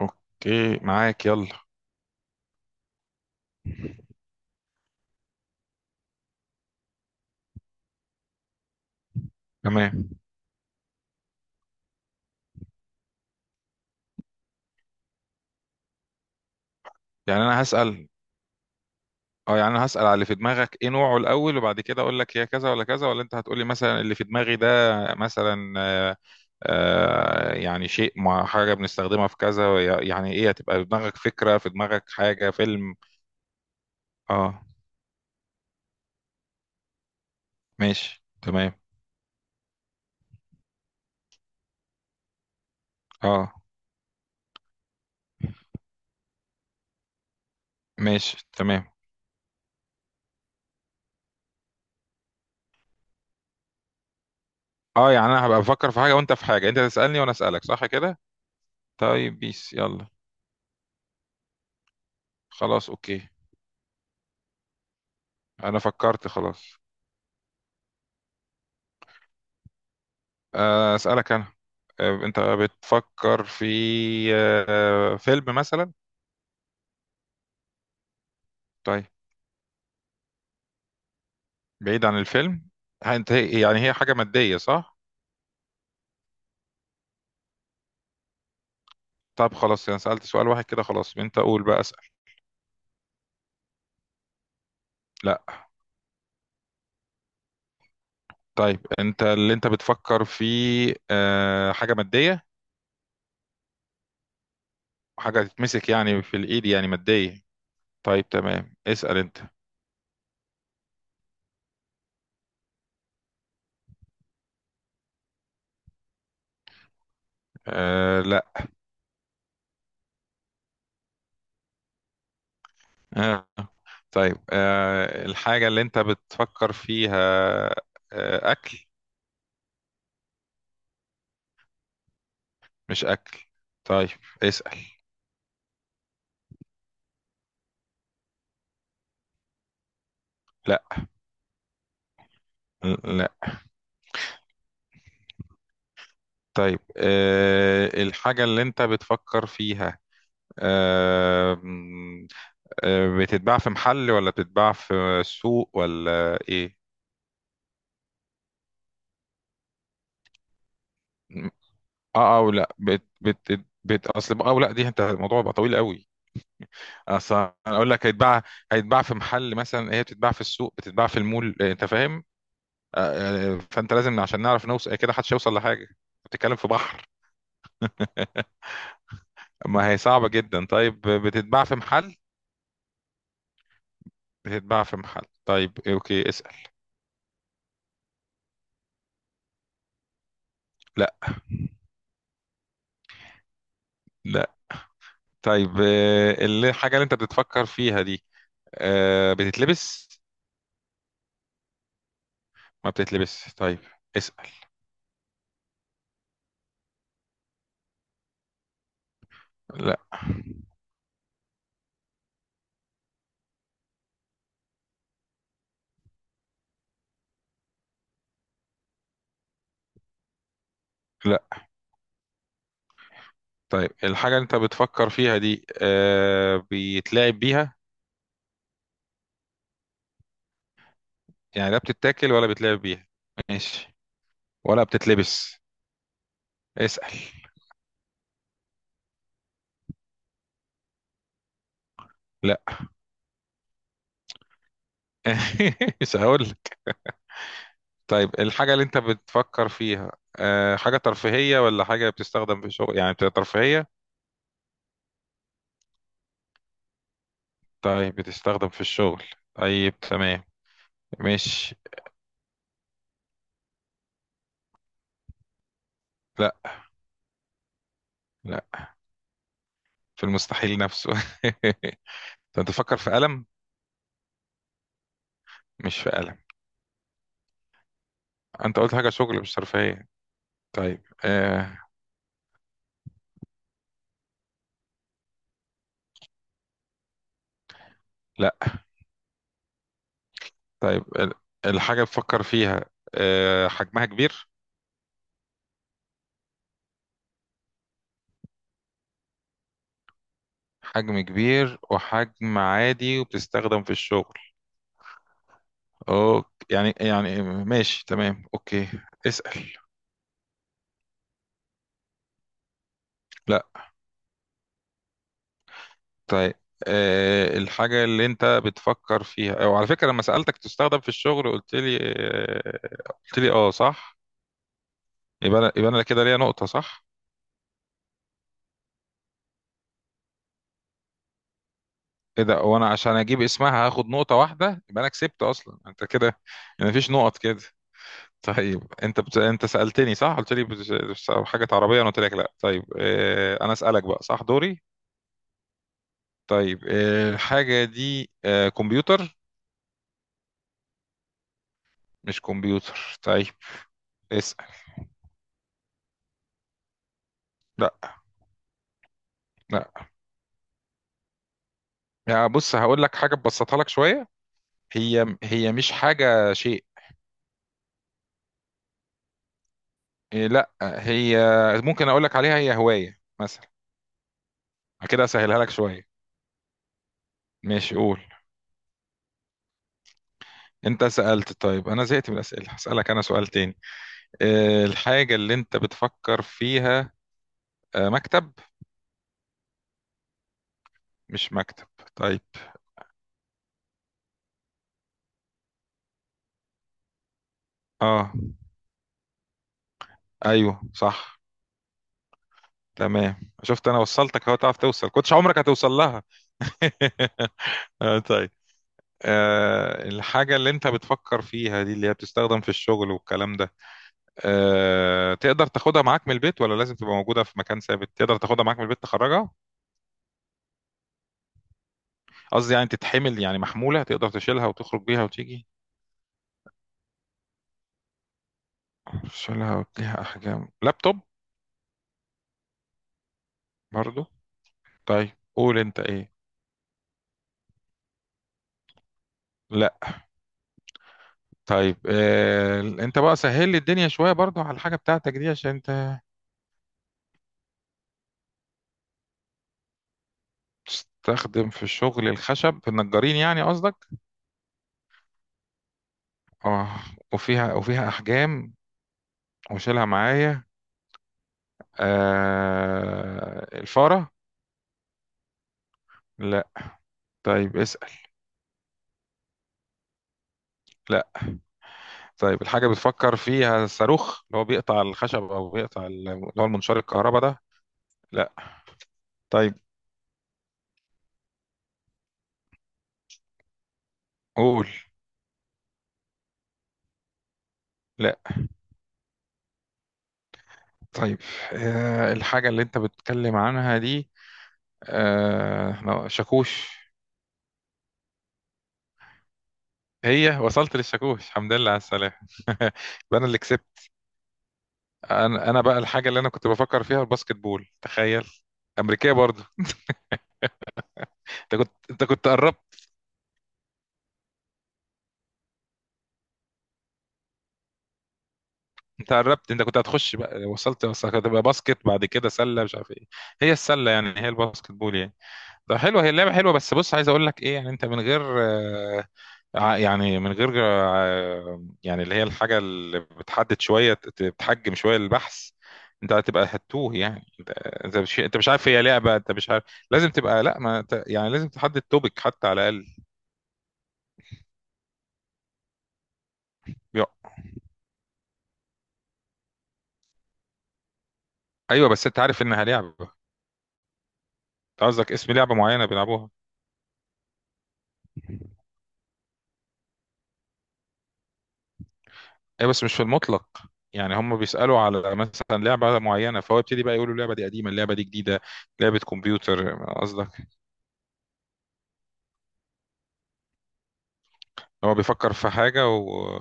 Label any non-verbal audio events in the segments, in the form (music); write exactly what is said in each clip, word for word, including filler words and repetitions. اوكي، معاك يلا. تمام. يعني انا هسأل. اه يعني انا هسأل على اللي في دماغك ايه نوعه الاول، وبعد كده اقول لك هي كذا ولا كذا، ولا انت هتقولي مثلا اللي في دماغي ده. مثلا آه آه، يعني شيء مع حاجة بنستخدمها في كذا، وي- يعني ايه، هتبقى في دماغك فكرة، في دماغك حاجة، فيلم. اه ماشي تمام. اه ماشي تمام. اه يعني انا هبقى بفكر في حاجة وانت في حاجة، انت تسألني وانا اسألك، صح كده؟ طيب بيس يلا. خلاص اوكي. انا فكرت خلاص. آه، أسألك أنا. آه، أنت بتفكر في آه، فيلم مثلا؟ طيب، بعيد عن الفيلم. ها، أنت هي- يعني هي حاجة مادية، صح؟ طب خلاص، أنا سألت سؤال واحد كده خلاص، أنت قول بقى، أسأل. لا. طيب أنت اللي أنت بتفكر في آه، حاجة مادية؟ وحاجة تتمسك يعني في الإيد، يعني مادية. طيب تمام، اسأل أنت. آه، لا. آه، طيب، آه، الحاجة اللي أنت بتفكر فيها آه، أكل؟ مش أكل، طيب. اسأل. لا. طيب أه الحاجة اللي انت بتفكر فيها أه آه، بتتباع في محل، ولا بتتباع في سوق، ولا ايه؟ اه او لا، بت بت بت اصل او لا دي، انت الموضوع بقى طويل قوي. اصل انا اقول لك هيتباع، هيتباع في محل مثلا، هي بتتباع في السوق، بتتباع في المول، آه، انت فاهم. آه، آه، فانت لازم عشان نعرف نوصل كده، محدش هيوصل لحاجة، بتتكلم في بحر. ما هي صعبة جدا. طيب بتتباع في محل؟ بتتباع في محل، طيب اوكي. اسأل. لا. لا. طيب آه، اللي- الحاجة اللي انت بتتفكر فيها دي آه، بتتلبس؟ ما بتتلبس، طيب. اسأل. لا. لا. طيب الحاجة اللي انت بتفكر فيها دي آه، بيتلعب بيها؟ يعني لا بتتاكل ولا بيتلعب بيها. ماشي. ولا بتتلبس. اسأل. لا. (laughs) مش هقول لك. طيب الحاجة اللي انت بتفكر فيها آه، حاجة ترفيهية ولا حاجة بتستخدم في الشغل، يعني بتبقى ترفيهية؟ طيب بتستخدم في الشغل، طيب تمام. مش، لا. لا، في المستحيل نفسه. (laughs) طب انت فكر في ألم. مش في ألم. انت قلت حاجة شغل مش ترفيهية. طيب آه لا. طيب، ال- الحاجة بفكر فيها آه حجمها كبير؟ حجم كبير وحجم عادي وبتستخدم في الشغل. اوكي، يعني يعني ماشي تمام، اوكي. اسأل. لا. طيب آه الحاجة اللي انت بتفكر فيها، وعلى فكرة لما سألتك تستخدم في الشغل قلت لي آه قلت لي اه، صح؟ يبقى أنا- يبقى انا كده ليا نقطة، صح؟ ايه ده، وانا عشان اجيب اسمها هاخد نقطة واحدة؟ يبقى انا كسبت اصلا انت كده، يعني مفيش نقط كده. طيب انت بت، انت سألتني صح؟ قلت لي بت، بت- حاجة عربية، انا قلت لك لا. طيب اه، انا اسألك بقى، صح دوري؟ طيب اه، الحاجة دي اه، كمبيوتر؟ مش كمبيوتر، طيب. اسأل. لا. لا، يعني بص هقول لك حاجة تبسطها لك شوية. هي هي مش حاجة شيء. إيه لا هي، ممكن اقول لك عليها هي هواية مثلا، كده اسهلها لك شوية. ماشي قول. انت سألت، طيب انا زهقت من الأسئلة، هسألك انا سؤال تاني. أه الحاجة اللي انت بتفكر فيها أه مكتب؟ مش مكتب، طيب. اه. ايوه صح. تمام، شفت؟ انا وصلتك اهو، تعرف توصل، كنتش عمرك هتوصل لها. (laughs) آه طيب. أه الحاجة اللي انت بتفكر فيها دي اللي هي بتستخدم في الشغل والكلام ده، أه تقدر تاخدها معاك من البيت، ولا لازم تبقى موجودة في مكان ثابت؟ تقدر تاخدها معاك من البيت تخرجها؟ قصدي يعني تتحمل، يعني محمولة، تقدر تشيلها وتخرج بيها وتيجي؟ افصلها واديها احجام لابتوب برضو؟ طيب قول انت ايه. لا. طيب آه انت بقى سهل لي الدنيا شويه برضو على الحاجه بتاعتك دي، عشان انت. تستخدم في الشغل الخشب، في النجارين يعني قصدك؟ اه. وفيها، وفيها احجام، وشيلها معايا. آه الفاره؟ لا. طيب اسأل. لا. طيب الحاجة بتفكر فيها الصاروخ اللي هو بيقطع الخشب، أو بيقطع ال- اللي هو المنشار الكهرباء ده؟ لا. طيب قول. لا. طيب آه، الحاجة اللي انت بتتكلم عنها دي آه، ما- شاكوش؟ هي وصلت للشاكوش، الحمد لله على السلامة. (laughs) يبقى انا اللي كسبت. انا انا بقى الحاجة اللي انا كنت بفكر فيها الباسكت بول، تخيل. امريكية برضو. انت كنت انت كنت قربت. انت قربت، انت كنت هتخش بقى، وصلت وصلت، هتبقى باسكت، بعد كده سلة، مش عارف ايه. هي السلة يعني هي الباسكت بول يعني. ده حلو، هي اللعبة حلوة، بس بص عايز اقول لك ايه، يعني انت من غير آه، ع- يعني من غير آه، يعني اللي هي الحاجة اللي بتحدد شوية، ت- بتحجم شوية البحث، انت هتبقى هتوه يعني انت. انت مش انت مش عارف هي لعبة، انت مش عارف. لازم تبقى، لا ما انت- يعني لازم تحدد توبيك حتى على الاقل. يو- ايوه بس انت عارف انها لعبة. انت قصدك اسم لعبة معينة بيلعبوها. ايوه بس مش في المطلق، يعني هم بيسألوا على مثلا لعبة معينة، فهو يبتدي بقى يقولوا اللعبة دي قديمة، اللعبة دي جديدة. لعبة كمبيوتر قصدك؟ هو بيفكر في حاجة و،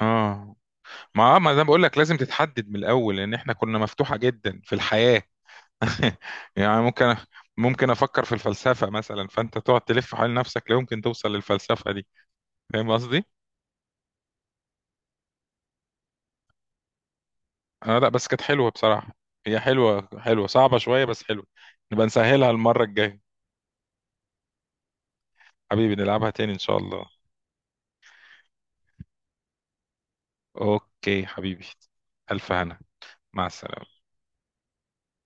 اه. ما آه، ما انا بقول لك لازم تتحدد من الاول، لان احنا كنا مفتوحة جدا في الحياة. (laughs) يعني ممكن، ممكن افكر في الفلسفة مثلا، فانت تقعد تلف حول نفسك لا يمكن توصل للفلسفة دي. فاهم قصدي؟ اه لا بس كانت حلوة بصراحة. هي حلوة، حلوة، صعبة شوية بس حلوة. نبقى نسهلها المرة الجاية. حبيبي نلعبها تاني ان شاء الله. اوكي حبيبي، الف هنا. مع السلامة.